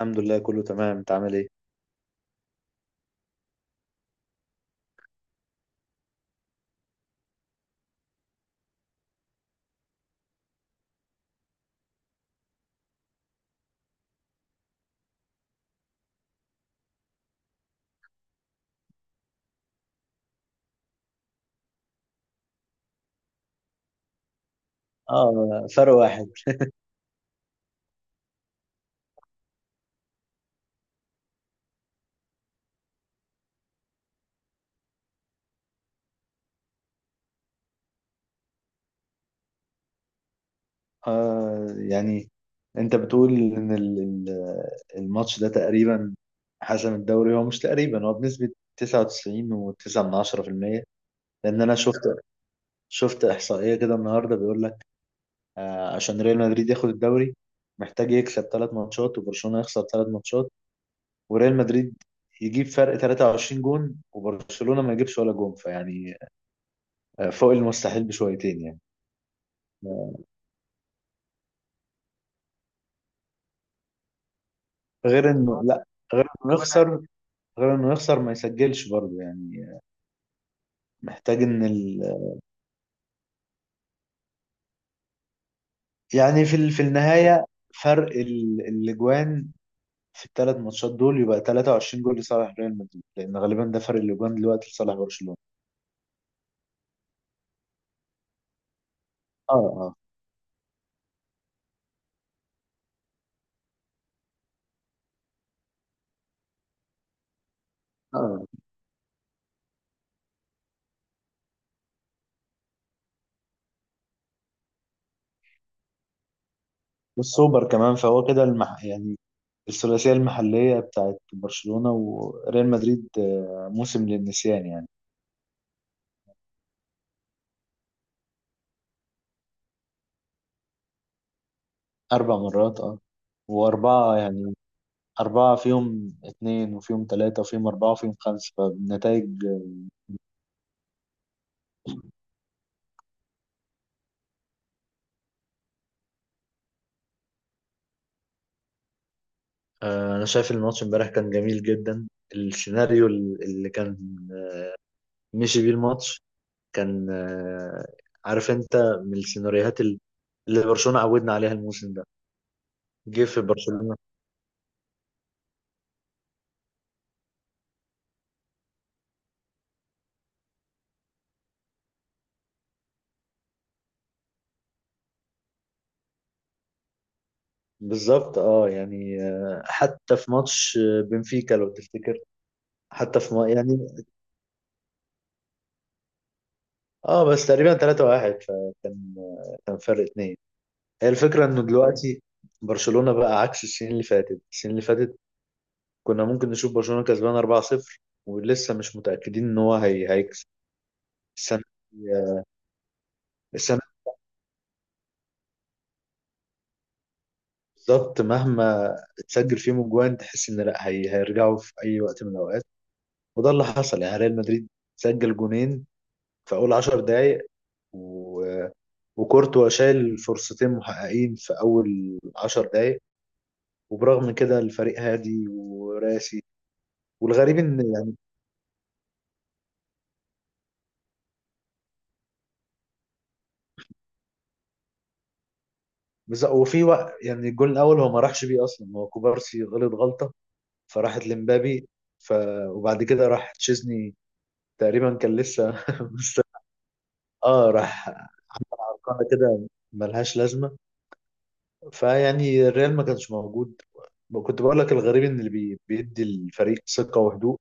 الحمد لله كله تمام، انت عامل ايه؟ اه، فرق واحد. يعني انت بتقول ان الماتش ده تقريبا حسم الدوري؟ هو مش تقريبا، هو بنسبة 99.9%. لان انا شفت احصائية كده النهارده بيقول لك عشان ريال مدريد ياخد الدوري محتاج يكسب ثلاث ماتشات وبرشلونة يخسر ثلاث ماتشات وريال مدريد يجيب فرق 23 جون وبرشلونة ما يجيبش ولا جون، فيعني فوق المستحيل بشويتين يعني. غير انه لا، غير انه يخسر، غير انه يخسر ما يسجلش برضه يعني. محتاج ان يعني في في النهاية فرق الاجوان في الثلاث ماتشات دول يبقى 23 جول لصالح ريال مدريد، لان غالبا ده فرق الاجوان دلوقتي لصالح برشلونة. اه، اه، اه. والسوبر كمان، فهو كده يعني الثلاثية المحلية بتاعت برشلونة وريال مدريد، موسم للنسيان يعني. أربع مرات، اه. وأربعة يعني، أربعة فيهم اتنين وفيهم تلاتة وفيهم أربعة وفيهم خمسة، فالنتائج أنا شايف الماتش امبارح كان جميل جدا. السيناريو اللي كان مشي بيه الماتش كان عارف أنت، من السيناريوهات اللي برشلونة عودنا عليها الموسم ده، جه في برشلونة بالظبط. اه يعني، حتى في ماتش بنفيكا لو تفتكر، حتى في ما يعني، اه، بس تقريبا 3-1 فكان كان فرق اتنين. هي الفكرة انه دلوقتي برشلونة بقى عكس السنين اللي فاتت. السنين اللي فاتت كنا ممكن نشوف برشلونة كسبان 4-0 ولسه مش متأكدين ان هو هيكسب السنة دي. السنة دي بالظبط، مهما تسجل فيهم اجوان تحس ان لا، هي هيرجعوا في اي وقت من الاوقات. وده اللي حصل يعني، ريال مدريد سجل جونين في اول 10 دقايق و... وكورتوا شايل فرصتين محققين في اول 10 دقايق، وبرغم كده الفريق هادي وراسي. والغريب ان، بس وفي وقت يعني الجول الاول هو ما راحش بيه اصلا، هو كوبارسي غلط غلطه فراحت لمبابي. ف وبعد كده راح تشيزني تقريبا كان لسه اه، راح قناه كده ملهاش لازمه، فيعني الريال ما كانش موجود. كنت بقول لك الغريب ان اللي بيدي الفريق ثقه وهدوء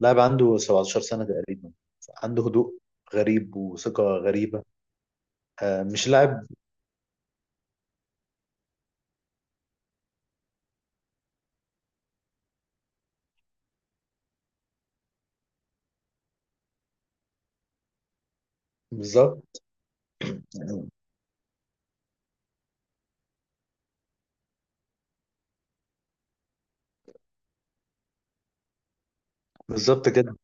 لاعب عنده 17 سنه تقريبا، عنده هدوء غريب وثقه غريبه. آه، مش لاعب. بالظبط. بالظبط كده.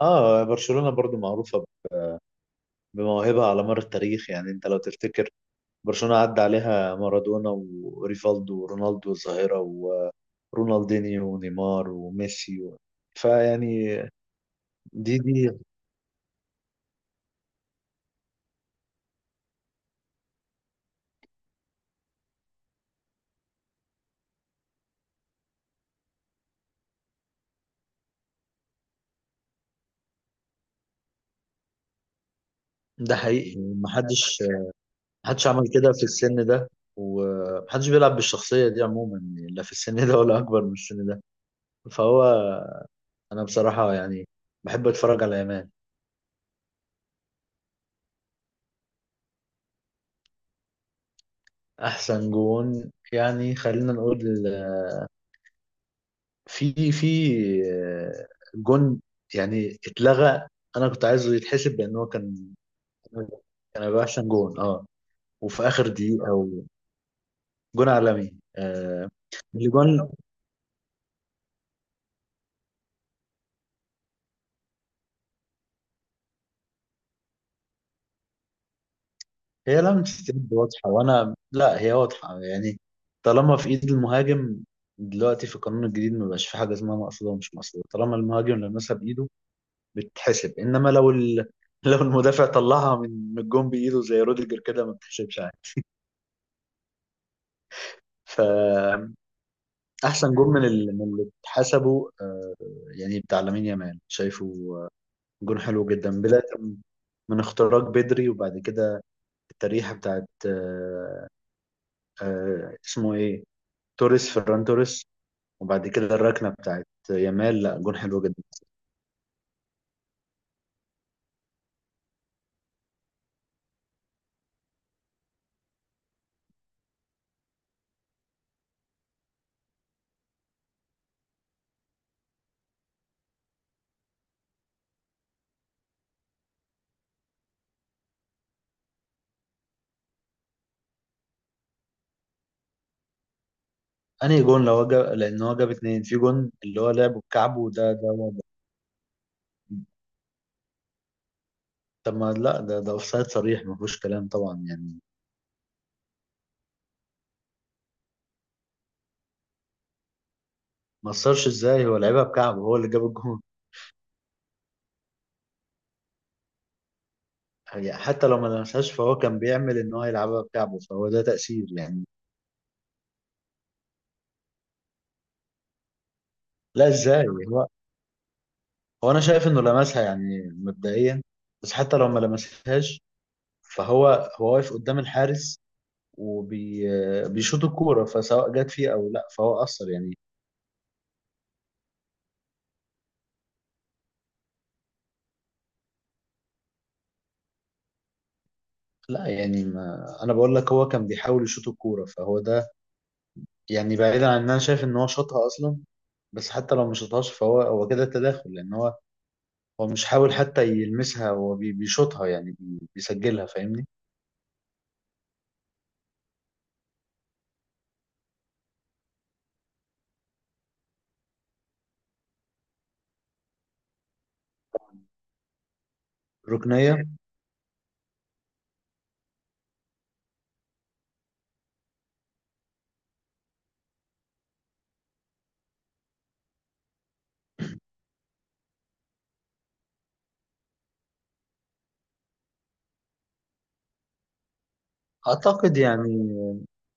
اه، برشلونه برضو معروفه بموهبة على مر التاريخ. يعني انت لو تفتكر، برشلونة عدى عليها مارادونا وريفالدو ورونالدو الظاهرة ورونالدينيو ونيمار وميسي و... فيعني دي ده حقيقي. محدش، محدش عمل كده في السن ده، ومحدش بيلعب بالشخصية دي عموما يعني، لا في السن ده ولا أكبر من السن ده. فهو أنا بصراحة يعني بحب أتفرج على يامال. أحسن جون يعني خلينا نقول، في آه، جون يعني اتلغى، انا كنت عايزه يتحسب لان هو كان، كان هيبقى احسن جون اه. وفي اخر دقيقه وجون عالمي، آه الجون. هي لمسه يد واضحه، وانا لا هي واضحه يعني. طالما في ايد المهاجم دلوقتي في القانون الجديد ما بقاش في حاجه اسمها مقصوده ومش مقصوده، طالما المهاجم لمسها بايده بتتحسب. انما لو لو المدافع طلعها من الجون بايده زي روديجر كده ما بتحسبش عادي. ف احسن جون من من اللي اتحسبوا، يعني بتاع لامين يامال شايفه، آه، جون حلو جدا، بدايه من اختراق بدري، وبعد كده التريحه بتاعت اسمه ايه، توريس، فران توريس، وبعد كده الركنه بتاعت يامال، لا جون حلو جدا. انهي جون لو هو جاب، لان هو جاب اتنين. في جون اللي هو لعبه بكعبه، طب ما لا، ده ده اوفسايد صريح ما فيهوش كلام طبعا يعني. ما اثرش ازاي؟ هو لعبها بكعبه هو اللي جاب الجون. هي حتى لو ما لمسهاش فهو كان بيعمل ان هو يلعبها بكعبه، فهو ده تأثير يعني. لا ازاي، هو انا شايف انه لمسها يعني مبدئيا، بس حتى لو ما لمسهاش هو واقف قدام الحارس وبيشوط الكورة، فسواء جت فيه او لا فهو أثر يعني. لا يعني ما انا بقول لك هو كان بيحاول يشوط الكورة، فهو ده يعني، بعيدا عن ان انا شايف ان هو شاطها اصلا، بس حتى لو ما شاطهاش فهو هو كده تداخل، لان هو هو مش حاول حتى يلمسها، هو بيشوطها يعني، بيسجلها، فاهمني. ركنية. أعتقد يعني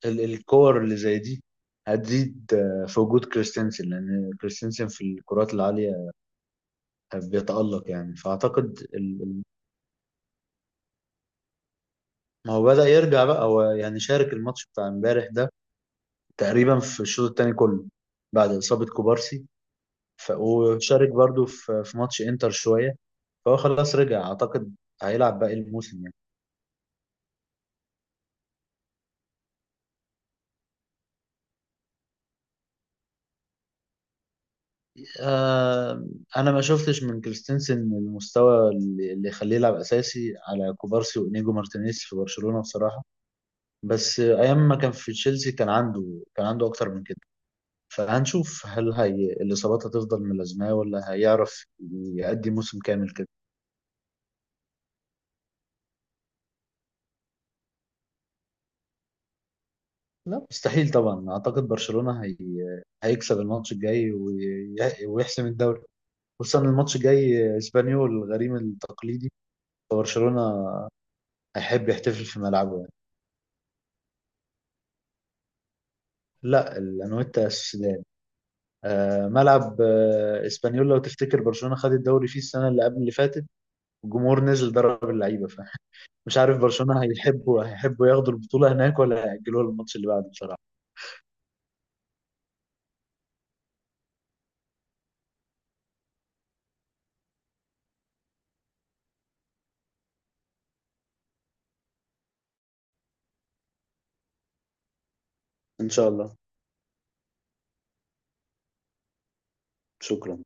الكور اللي زي دي هتزيد في وجود كريستنسن، لأن كريستنسن في الكرات العالية بيتألق يعني. فأعتقد ما هو بدأ يرجع بقى هو، يعني شارك الماتش بتاع امبارح ده تقريبا في الشوط التاني كله بعد إصابة كوبارسي. وشارك برضو في ماتش إنتر شوية، فهو خلاص رجع، أعتقد هيلعب باقي الموسم يعني. آه، انا ما شفتش من كريستنسن المستوى اللي يخليه يلعب اساسي على كوبارسي وانيجو مارتينيز في برشلونة بصراحة. بس ايام ما كان في تشيلسي كان عنده، كان عنده اكتر من كده. فهنشوف هل هي الاصابات هتفضل ملازماه ولا هيعرف يأدي موسم كامل كده. لا مستحيل طبعا، اعتقد برشلونة هيكسب الماتش الجاي ويحسم الدوري، خصوصا الماتش الجاي اسبانيول الغريم التقليدي، فبرشلونة هيحب يحتفل في ملعبه. لا، الانويتا السودان. آه، ملعب آه اسبانيول لو تفتكر برشلونه خد الدوري فيه السنه اللي قبل اللي فاتت، الجمهور نزل ضرب اللعيبه فمش عارف برشلونه هيحبوا، هيحبوا ياخدوا البطوله هناك ولا هيأجلوها للماتش اللي بعده بصراحه. ان شاء الله. شكرا.